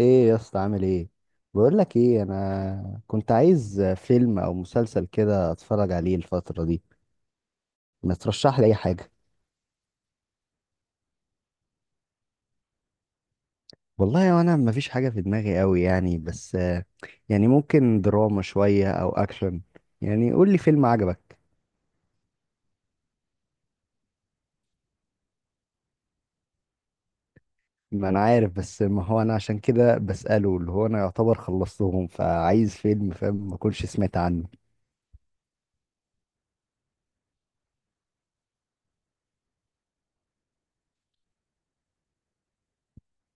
ايه يا اسطى، عامل ايه؟ بقول لك ايه، انا كنت عايز فيلم او مسلسل كده اتفرج عليه الفتره دي. ما ترشح لي اي حاجه؟ والله وانا ما فيش حاجه في دماغي قوي يعني، بس يعني ممكن دراما شويه او اكشن. يعني قول لي فيلم عجبك. ما انا عارف، بس ما هو انا عشان كده بساله، اللي هو انا يعتبر خلصتهم فعايز فيلم، فاهم؟ ما كنتش سمعت عنه.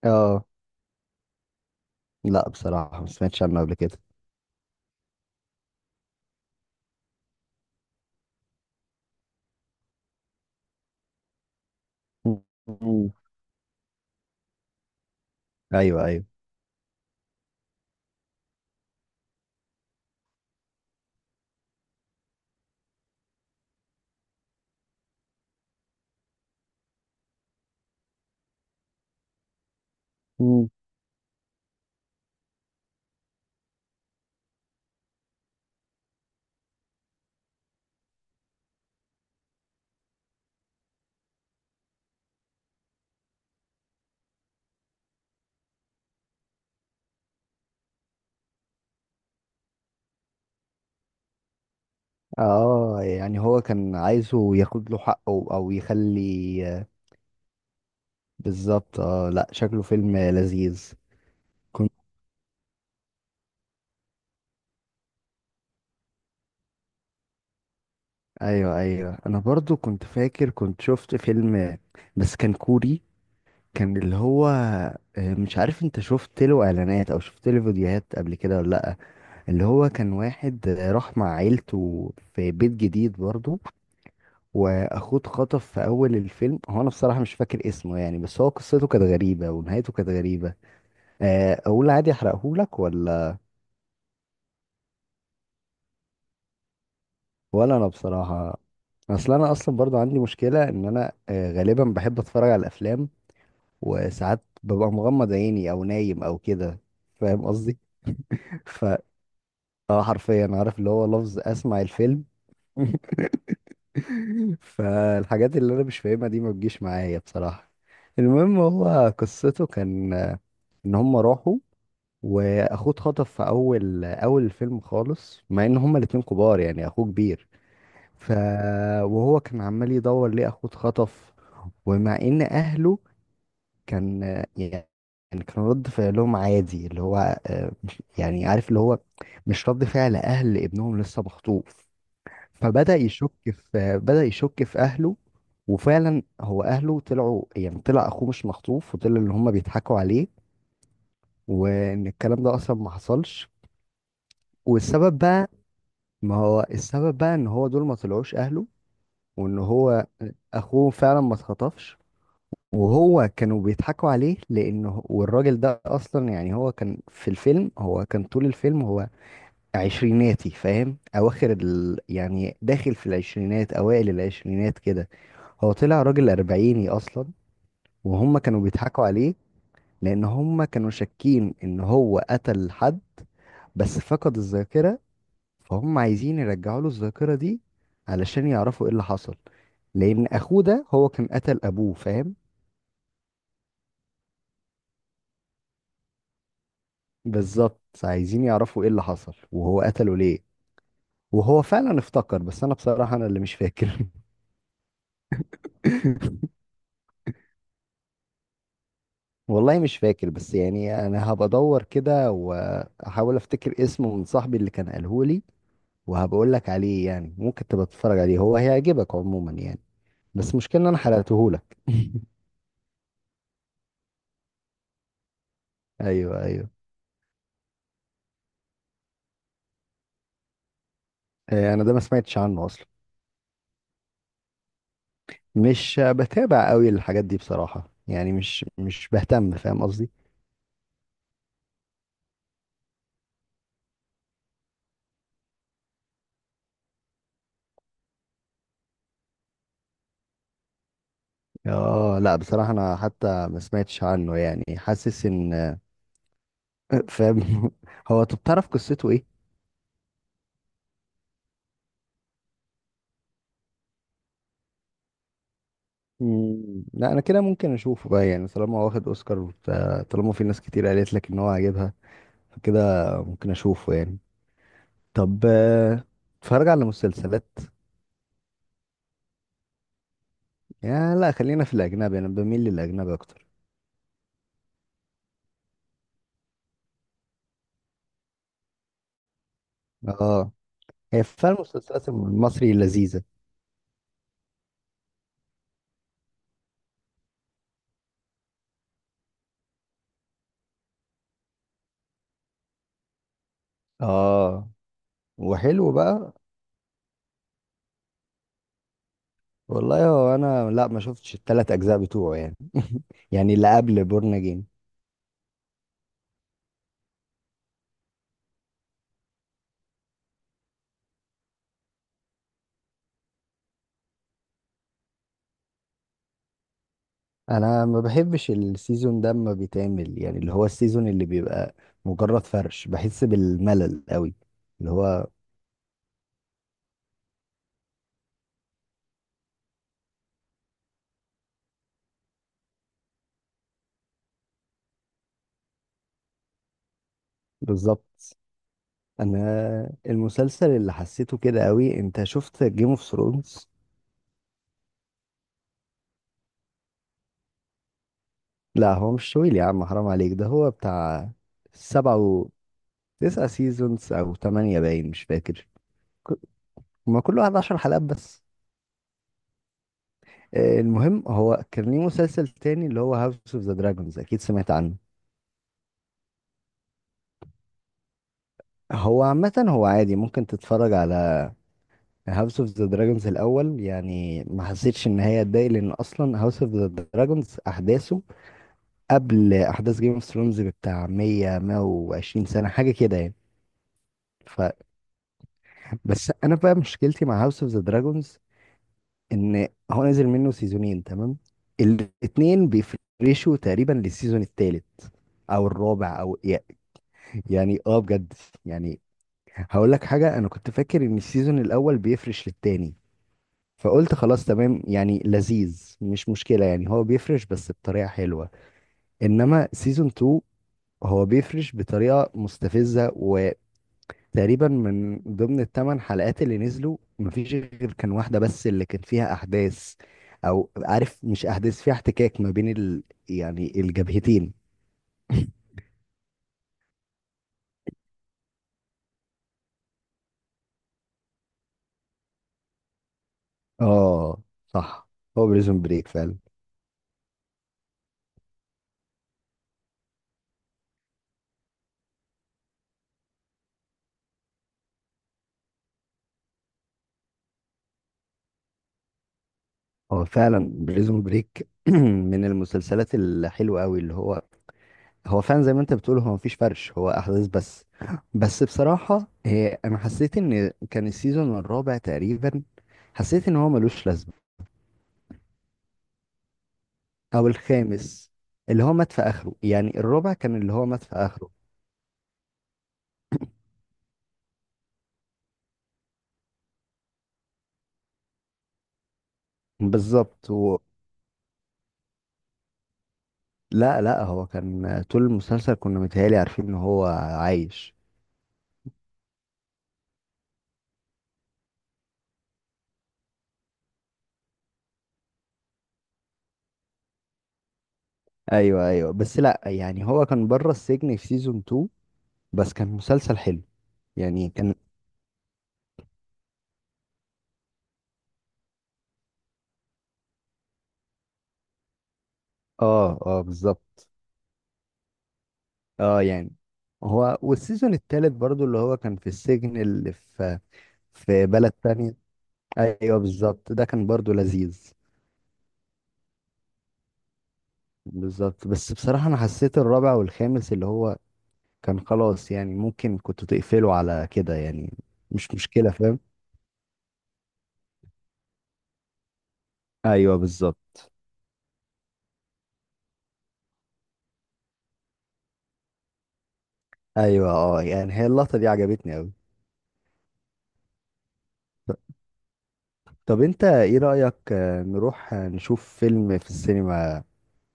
اه، لا بصراحه ما سمعتش عنه قبل كده. م- م- ايوه ايوه. اه، يعني هو كان عايزه ياخد له حقه او يخلي. بالظبط، اه لا، شكله فيلم لذيذ. كنت ايوه ايوه، انا برضو كنت فاكر، كنت شفت فيلم، بس كان كوري، كان اللي هو مش عارف، انت شفت له اعلانات او شفت له فيديوهات قبل كده ولا لا؟ اللي هو كان واحد راح مع عيلته في بيت جديد برضو، واخوه اتخطف في اول الفيلم. هو انا بصراحة مش فاكر اسمه يعني، بس هو قصته كانت غريبة ونهايته كانت غريبة. اقول عادي احرقهولك ولا؟ ولا انا بصراحه. اصل انا اصلا برضو عندي مشكله، ان انا غالبا بحب اتفرج على الافلام، وساعات ببقى مغمض عيني او نايم او كده، فاهم قصدي؟ ف اه، حرفيا عارف اللي هو لفظ، اسمع الفيلم. فالحاجات اللي انا مش فاهمها دي ما بتجيش معايا بصراحه. المهم، هو قصته كان ان هم راحوا، واخوه اتخطف في اول اول الفيلم خالص، مع ان هما الاتنين كبار يعني، اخوه كبير. ف وهو كان عمال يدور ليه اخوه اتخطف. ومع ان اهله، كان يعني، كان رد فعلهم عادي، اللي هو يعني عارف اللي هو، مش رد فعل اهل ابنهم لسه مخطوف. فبدأ يشك في اهله. وفعلا هو اهله طلعوا، يعني طلع اخوه مش مخطوف، وطلع اللي هم بيضحكوا عليه، وان الكلام ده اصلا ما حصلش. والسبب بقى، ما هو السبب بقى ان هو دول ما طلعوش اهله، وان هو اخوه فعلا ما اتخطفش. وهو كانوا بيضحكوا عليه لانه، والراجل ده اصلا يعني، هو كان في الفيلم، هو كان طول الفيلم هو عشريناتي، فاهم، اواخر يعني، داخل في العشرينات، اوائل العشرينات كده، هو طلع راجل اربعيني اصلا. وهم كانوا بيضحكوا عليه، لان هم كانوا شاكين ان هو قتل حد بس فقد الذاكرة، فهم عايزين يرجعوا له الذاكرة دي علشان يعرفوا ايه اللي حصل، لان اخوه ده هو كان قتل ابوه، فاهم؟ بالظبط، عايزين يعرفوا ايه اللي حصل وهو قتله ليه. وهو فعلا افتكر، بس انا بصراحة انا اللي مش فاكر. والله مش فاكر، بس يعني انا هبقى ادور كده واحاول افتكر اسمه من صاحبي اللي كان قاله لي، وهبقول لك عليه يعني، ممكن تبقى تتفرج عليه، هو هيعجبك عموما يعني. بس مشكلة ان انا حرقته لك. ايوه ايوه. انا ده ما سمعتش عنه اصلا، مش بتابع قوي الحاجات دي بصراحة، يعني مش بهتم، فاهم قصدي؟ اه لا بصراحة انا حتى ما سمعتش عنه يعني، حاسس ان. فاهم. هو طب تعرف قصته ايه؟ مم، لا، انا كده ممكن اشوفه بقى يعني، طالما هو واخد اوسكار، طالما في ناس كتير قالت لك ان هو عاجبها، فكده ممكن اشوفه يعني. طب اتفرج على مسلسلات؟ يا لا، خلينا في الاجنبي، انا بميل للاجنبي اكتر. اه، هي فعلا المسلسلات المصري لذيذة. اه، وحلو بقى. والله هو انا، لا ما شفتش الثلاث اجزاء بتوعه يعني يعني اللي قبل بورن اجين. انا ما بحبش السيزون ده ما بيتعمل، يعني اللي هو السيزون اللي بيبقى مجرد فرش، بحس بالملل قوي، اللي هو. بالظبط. انا المسلسل اللي حسيته كده قوي، انت شفت جيم اوف ثرونز؟ لا هو مش طويل يا عم، حرام عليك، ده هو بتاع سبعة و تسعة سيزونز او تمانية، باين مش فاكر. ك- ما كل واحد عشر حلقات بس. المهم هو كان ليه مسلسل تاني، اللي هو هاوس اوف ذا دراجونز، اكيد سمعت عنه. هو عامة هو عادي، ممكن تتفرج على هاوس اوف ذا دراجونز الاول يعني، ما حسيتش ان هي اتضايق، لان اصلا هاوس اوف ذا دراجونز احداثه قبل احداث جيم اوف ثرونز بتاع 100 120 سنة حاجة كده يعني. ف بس انا بقى مشكلتي مع هاوس اوف ذا دراجونز، ان هو نزل منه سيزونين تمام، الاتنين بيفرشوا تقريبا للسيزون التالت او الرابع او، يعني اه بجد، يعني هقول لك حاجة، انا كنت فاكر ان السيزون الاول بيفرش للتاني، فقلت خلاص تمام يعني لذيذ، مش مشكلة يعني، هو بيفرش بس بطريقة حلوة. انما سيزون 2 هو بيفرش بطريقة مستفزة، وتقريبا من ضمن الثمان حلقات اللي نزلوا مفيش غير كان واحدة بس اللي كان فيها احداث، او عارف مش احداث، فيها احتكاك ما بين يعني الجبهتين. اه صح، هو بريزون بريك فعلا. هو فعلا بريزون بريك من المسلسلات الحلوة قوي، اللي هو، هو فعلا زي ما انت بتقول، هو مفيش فرش، هو احداث بس. بس بصراحة انا حسيت ان كان السيزون الرابع تقريبا، حسيت ان هو ملوش لازمة. او الخامس، اللي هو مات في اخره، يعني الرابع كان اللي هو مات في اخره. بالظبط. لا لا، هو كان طول المسلسل كنا متهيألي عارفين ان هو عايش. ايوه ايوه، بس لا يعني، هو كان بره السجن في سيزون 2، بس كان مسلسل حلو، يعني كان. اه اه بالظبط. اه يعني هو، والسيزون التالت برضو اللي هو كان في السجن، اللي في بلد تانية. ايوه بالظبط، ده كان برضو لذيذ. بالظبط، بس بصراحة انا حسيت الرابع والخامس اللي هو كان خلاص، يعني ممكن كنت تقفله على كده يعني، مش مشكلة فاهم؟ ايوه بالظبط. ايوه اه يعني، هي اللقطة دي عجبتني اوي. طب انت ايه رأيك نروح نشوف فيلم في السينما؟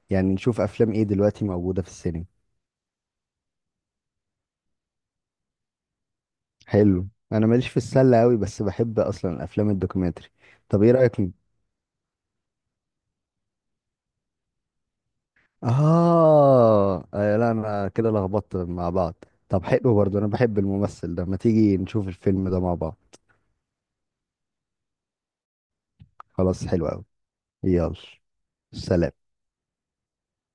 يعني نشوف افلام ايه دلوقتي موجودة في السينما. حلو، انا ماليش في السله قوي، بس بحب اصلا الافلام الدوكيومنتري. طب ايه رايك، اه، لا انا كده لخبطت مع بعض. طب حلو برضو، انا بحب الممثل ده، ما تيجي نشوف الفيلم ده مع بعض. خلاص حلو قوي. يلا، سلام.